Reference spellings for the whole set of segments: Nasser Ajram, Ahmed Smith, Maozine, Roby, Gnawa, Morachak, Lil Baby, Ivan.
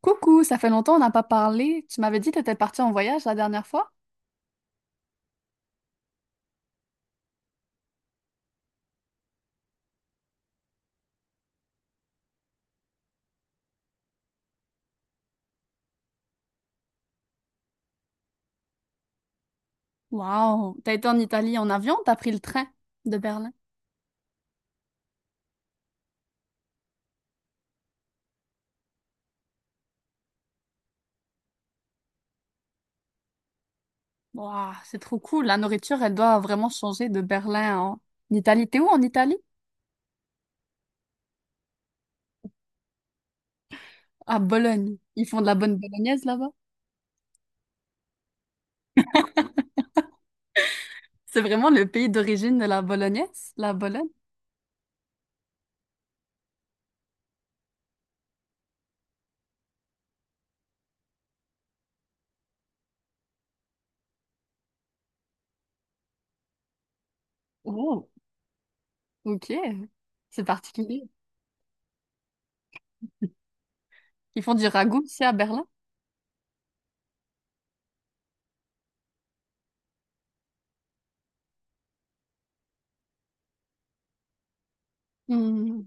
Coucou, ça fait longtemps on n'a pas parlé. Tu m'avais dit que tu étais partie en voyage la dernière fois? Wow, t'as été en Italie en avion, ou t'as pris le train de Berlin. Wow, c'est trop cool. La nourriture, elle doit vraiment changer de Berlin en Italie. T'es où en Italie? À Bologne. Ils font de la bonne bolognaise là-bas. C'est vraiment le pays d'origine de la bolognaise, la Bologne. Oh, ok. C'est particulier. Ils font du ragoût ici à Berlin. Hmm.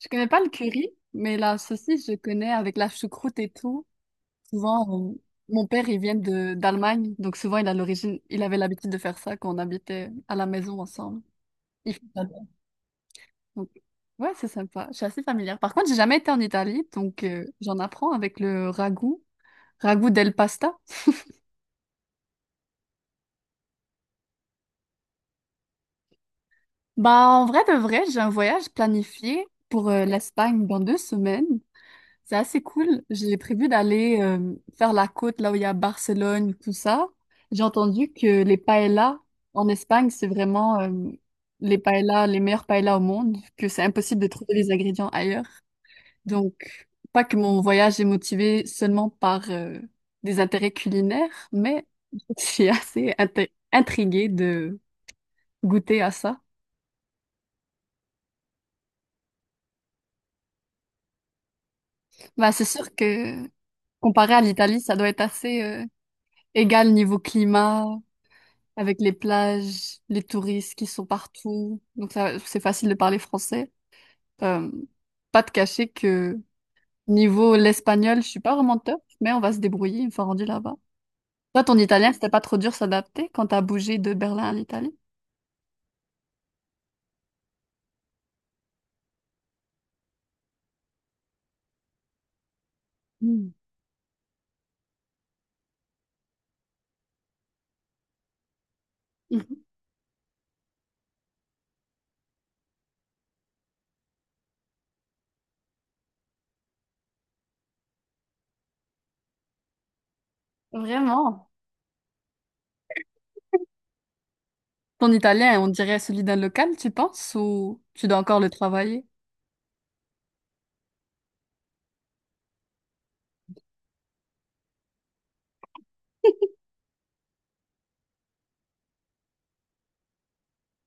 Je connais pas le curry, mais la saucisse, je connais avec la choucroute et tout. Souvent, on- Mon père, il vient de d'Allemagne, donc souvent, il a l'origine, il avait l'habitude de faire ça quand on habitait à la maison ensemble. Il fait ça. Donc, ouais, c'est sympa. Je suis assez familière. Par contre, j'ai jamais été en Italie, donc j'en apprends avec le ragoût, ragoût del pasta. Bah, en vrai de vrai, j'ai un voyage planifié pour l'Espagne dans 2 semaines. C'est assez cool. J'ai prévu d'aller faire la côte là où il y a Barcelone, tout ça. J'ai entendu que les paellas en Espagne, c'est vraiment les paellas, les meilleures paellas au monde, que c'est impossible de trouver les ingrédients ailleurs. Donc, pas que mon voyage est motivé seulement par des intérêts culinaires, mais je suis assez intriguée de goûter à ça. Bah, c'est sûr que comparé à l'Italie, ça doit être assez égal niveau climat, avec les plages, les touristes qui sont partout. Donc ça, c'est facile de parler français. Euh, Pas de cacher que niveau l'espagnol, je suis pas vraiment top, mais on va se débrouiller une fois rendu là-bas. Toi, ton italien, c'était pas trop dur s'adapter quand t'as bougé de Berlin à l'Italie? Hmm. Mhm. Vraiment? Ton italien, on dirait celui d'un local, tu penses, ou tu dois encore le travailler?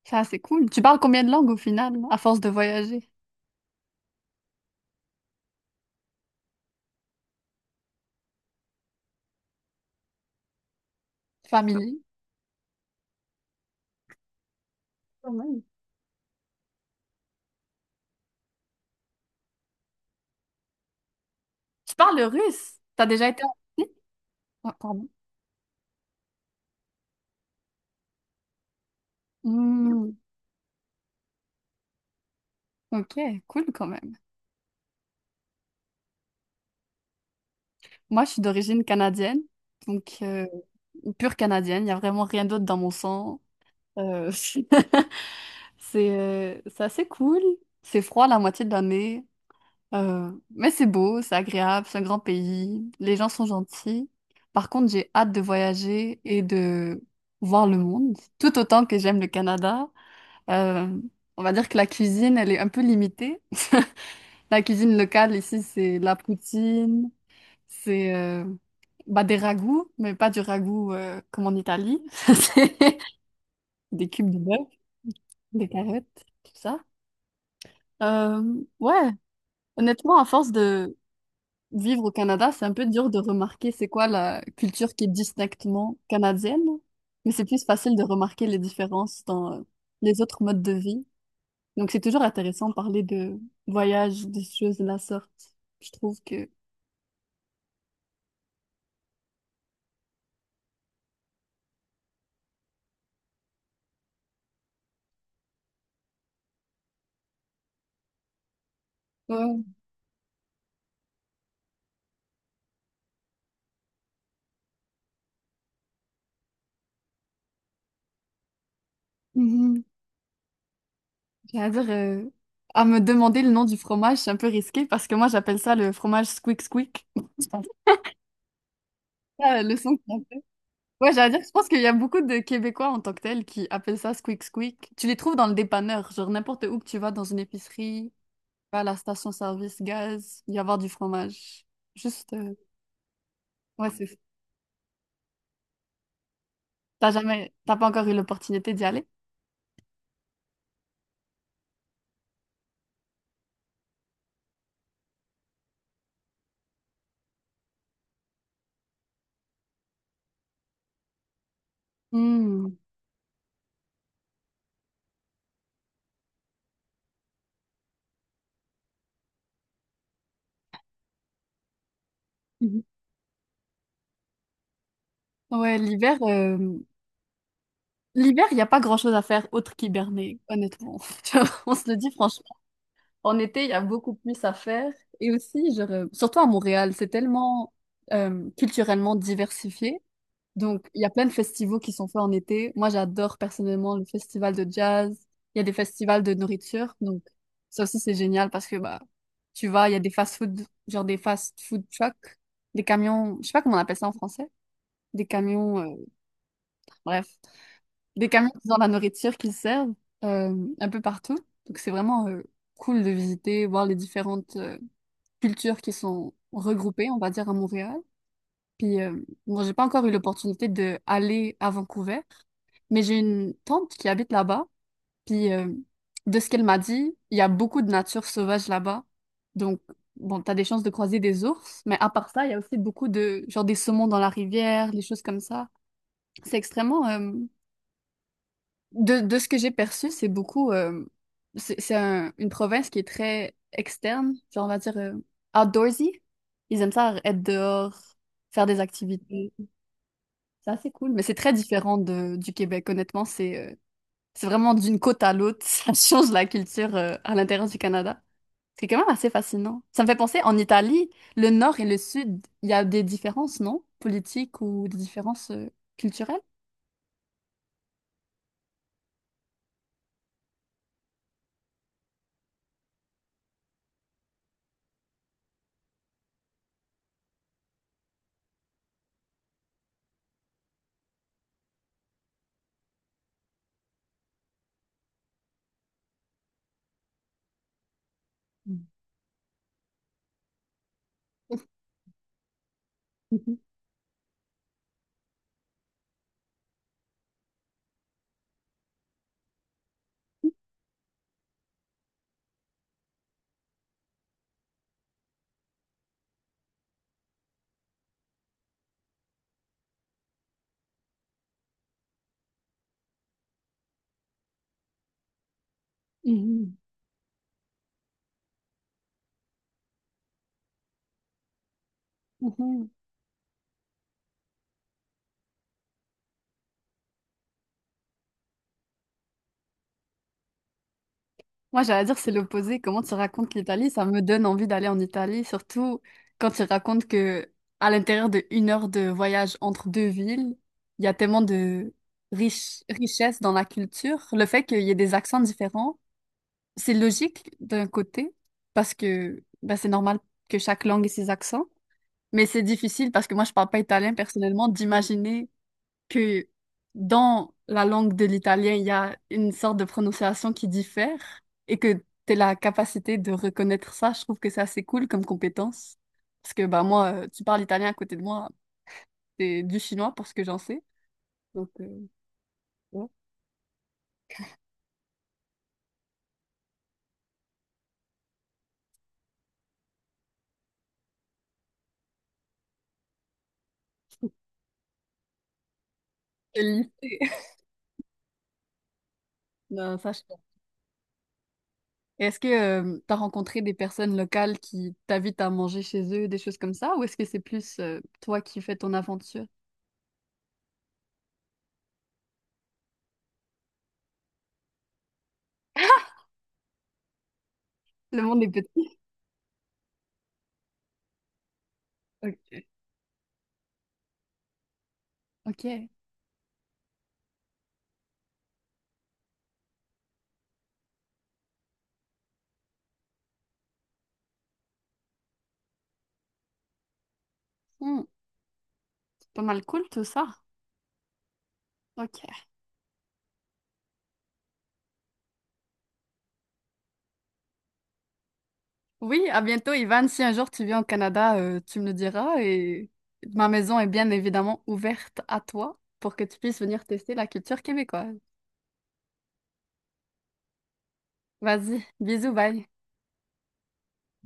Ça, c'est cool. Tu parles combien de langues au final, à force de voyager? Familier? Quand même. Tu parles le russe? T'as déjà été en Russie? Ah, pardon. Hmm. Ok, cool quand même. Moi, je suis d'origine canadienne, donc pure canadienne. Il n'y a vraiment rien d'autre dans mon sang. Euh, c'est assez cool. C'est froid la moitié de l'année, mais c'est beau, c'est agréable, c'est un grand pays. Les gens sont gentils. Par contre, j'ai hâte de voyager et de voir le monde, tout autant que j'aime le Canada. Euh, on va dire que la cuisine, elle est un peu limitée. La cuisine locale ici, c'est la poutine. C'est bah, des ragoûts, mais pas du ragoût comme en Italie. C'est des cubes de bœuf, des carottes, tout ça. Ouais, honnêtement, à force de vivre au Canada, c'est un peu dur de remarquer c'est quoi la culture qui est distinctement canadienne, mais c'est plus facile de remarquer les différences dans les autres modes de vie. Donc c'est toujours intéressant de parler de voyage, des choses de la sorte. Je trouve que... Ouais. Mhm. C'est-à-dire, à me demander le nom du fromage, c'est un peu risqué parce que moi, j'appelle ça le fromage squeak squeak. Ah, le son qu'on ouais, j'allais dire, je pense qu'il y a beaucoup de Québécois en tant que tels qui appellent ça squeak squeak. Tu les trouves dans le dépanneur, genre n'importe où que tu vas, dans une épicerie, tu vas à la station-service gaz, il va y avoir du fromage. Juste, ouais, c'est. T'as jamais, t'as pas encore eu l'opportunité d'y aller? Hmm. Mhm. Ouais, l'hiver, il n'y a pas grand-chose à faire autre qu'hiberner, honnêtement. Tu vois, on se le dit franchement. En été, il y a beaucoup plus à faire. Et aussi, surtout à Montréal, c'est tellement culturellement diversifié. Donc, il y a plein de festivals qui sont faits en été. Moi, j'adore personnellement le festival de jazz. Il y a des festivals de nourriture. Donc, ça aussi, c'est génial parce que bah, tu vas, il y a des fast-food, genre des fast-food trucks, des camions, je sais pas comment on appelle ça en français, des camions, bref, des camions qui ont la nourriture qu'ils servent euh, un peu partout. Donc, c'est vraiment cool de visiter, voir les différentes cultures qui sont regroupées, on va dire, à Montréal. Puis, bon, j'ai pas encore eu l'opportunité d'aller à Vancouver, mais j'ai une tante qui habite là-bas. Puis, de ce qu'elle m'a dit, il y a beaucoup de nature sauvage là-bas. Donc, bon, t'as des chances de croiser des ours, mais à part ça, il y a aussi beaucoup de, genre, des saumons dans la rivière, des choses comme ça. C'est extrêmement, de ce que j'ai perçu, c'est beaucoup. C'est une province qui est très externe, genre on va dire outdoorsy. Ils aiment ça être dehors, faire des activités. C'est assez cool, mais c'est très différent du Québec. Honnêtement, c'est vraiment d'une côte à l'autre. Ça change la culture à l'intérieur du Canada. C'est quand même assez fascinant. Ça me fait penser, en Italie, le nord et le sud, il y a des différences, non? Politiques ou des différences culturelles? Mhm. Mhm. Mhm. Mhm. Moi, j'allais dire, c'est l'opposé. Comment tu racontes l'Italie? Ça me donne envie d'aller en Italie, surtout quand tu racontes que à l'intérieur de 1 heure de voyage entre deux villes, il y a tellement de richesse dans la culture. Le fait qu'il y ait des accents différents, c'est logique d'un côté, parce que bah, c'est normal que chaque langue ait ses accents. Mais c'est difficile parce que moi, je parle pas italien personnellement, d'imaginer que dans la langue de l'italien, il y a une sorte de prononciation qui diffère et que tu as la capacité de reconnaître ça, je trouve que c'est assez cool comme compétence. Parce que bah, moi, tu parles italien à côté de moi, c'est du chinois pour ce que j'en sais. Donc, ouais. C'est le lycée. Non, ça, je sais pas. Et est-ce que tu as rencontré des personnes locales qui t'invitent à manger chez eux, des choses comme ça, ou est-ce que c'est plus toi qui fais ton aventure? Le monde est petit. Ok. Ok. Hmm, c'est pas mal cool tout ça. Ok. Oui, à bientôt, Ivan. Si un jour tu viens au Canada, tu me le diras et ma maison est bien évidemment ouverte à toi pour que tu puisses venir tester la culture québécoise. Vas-y, bisous, bye.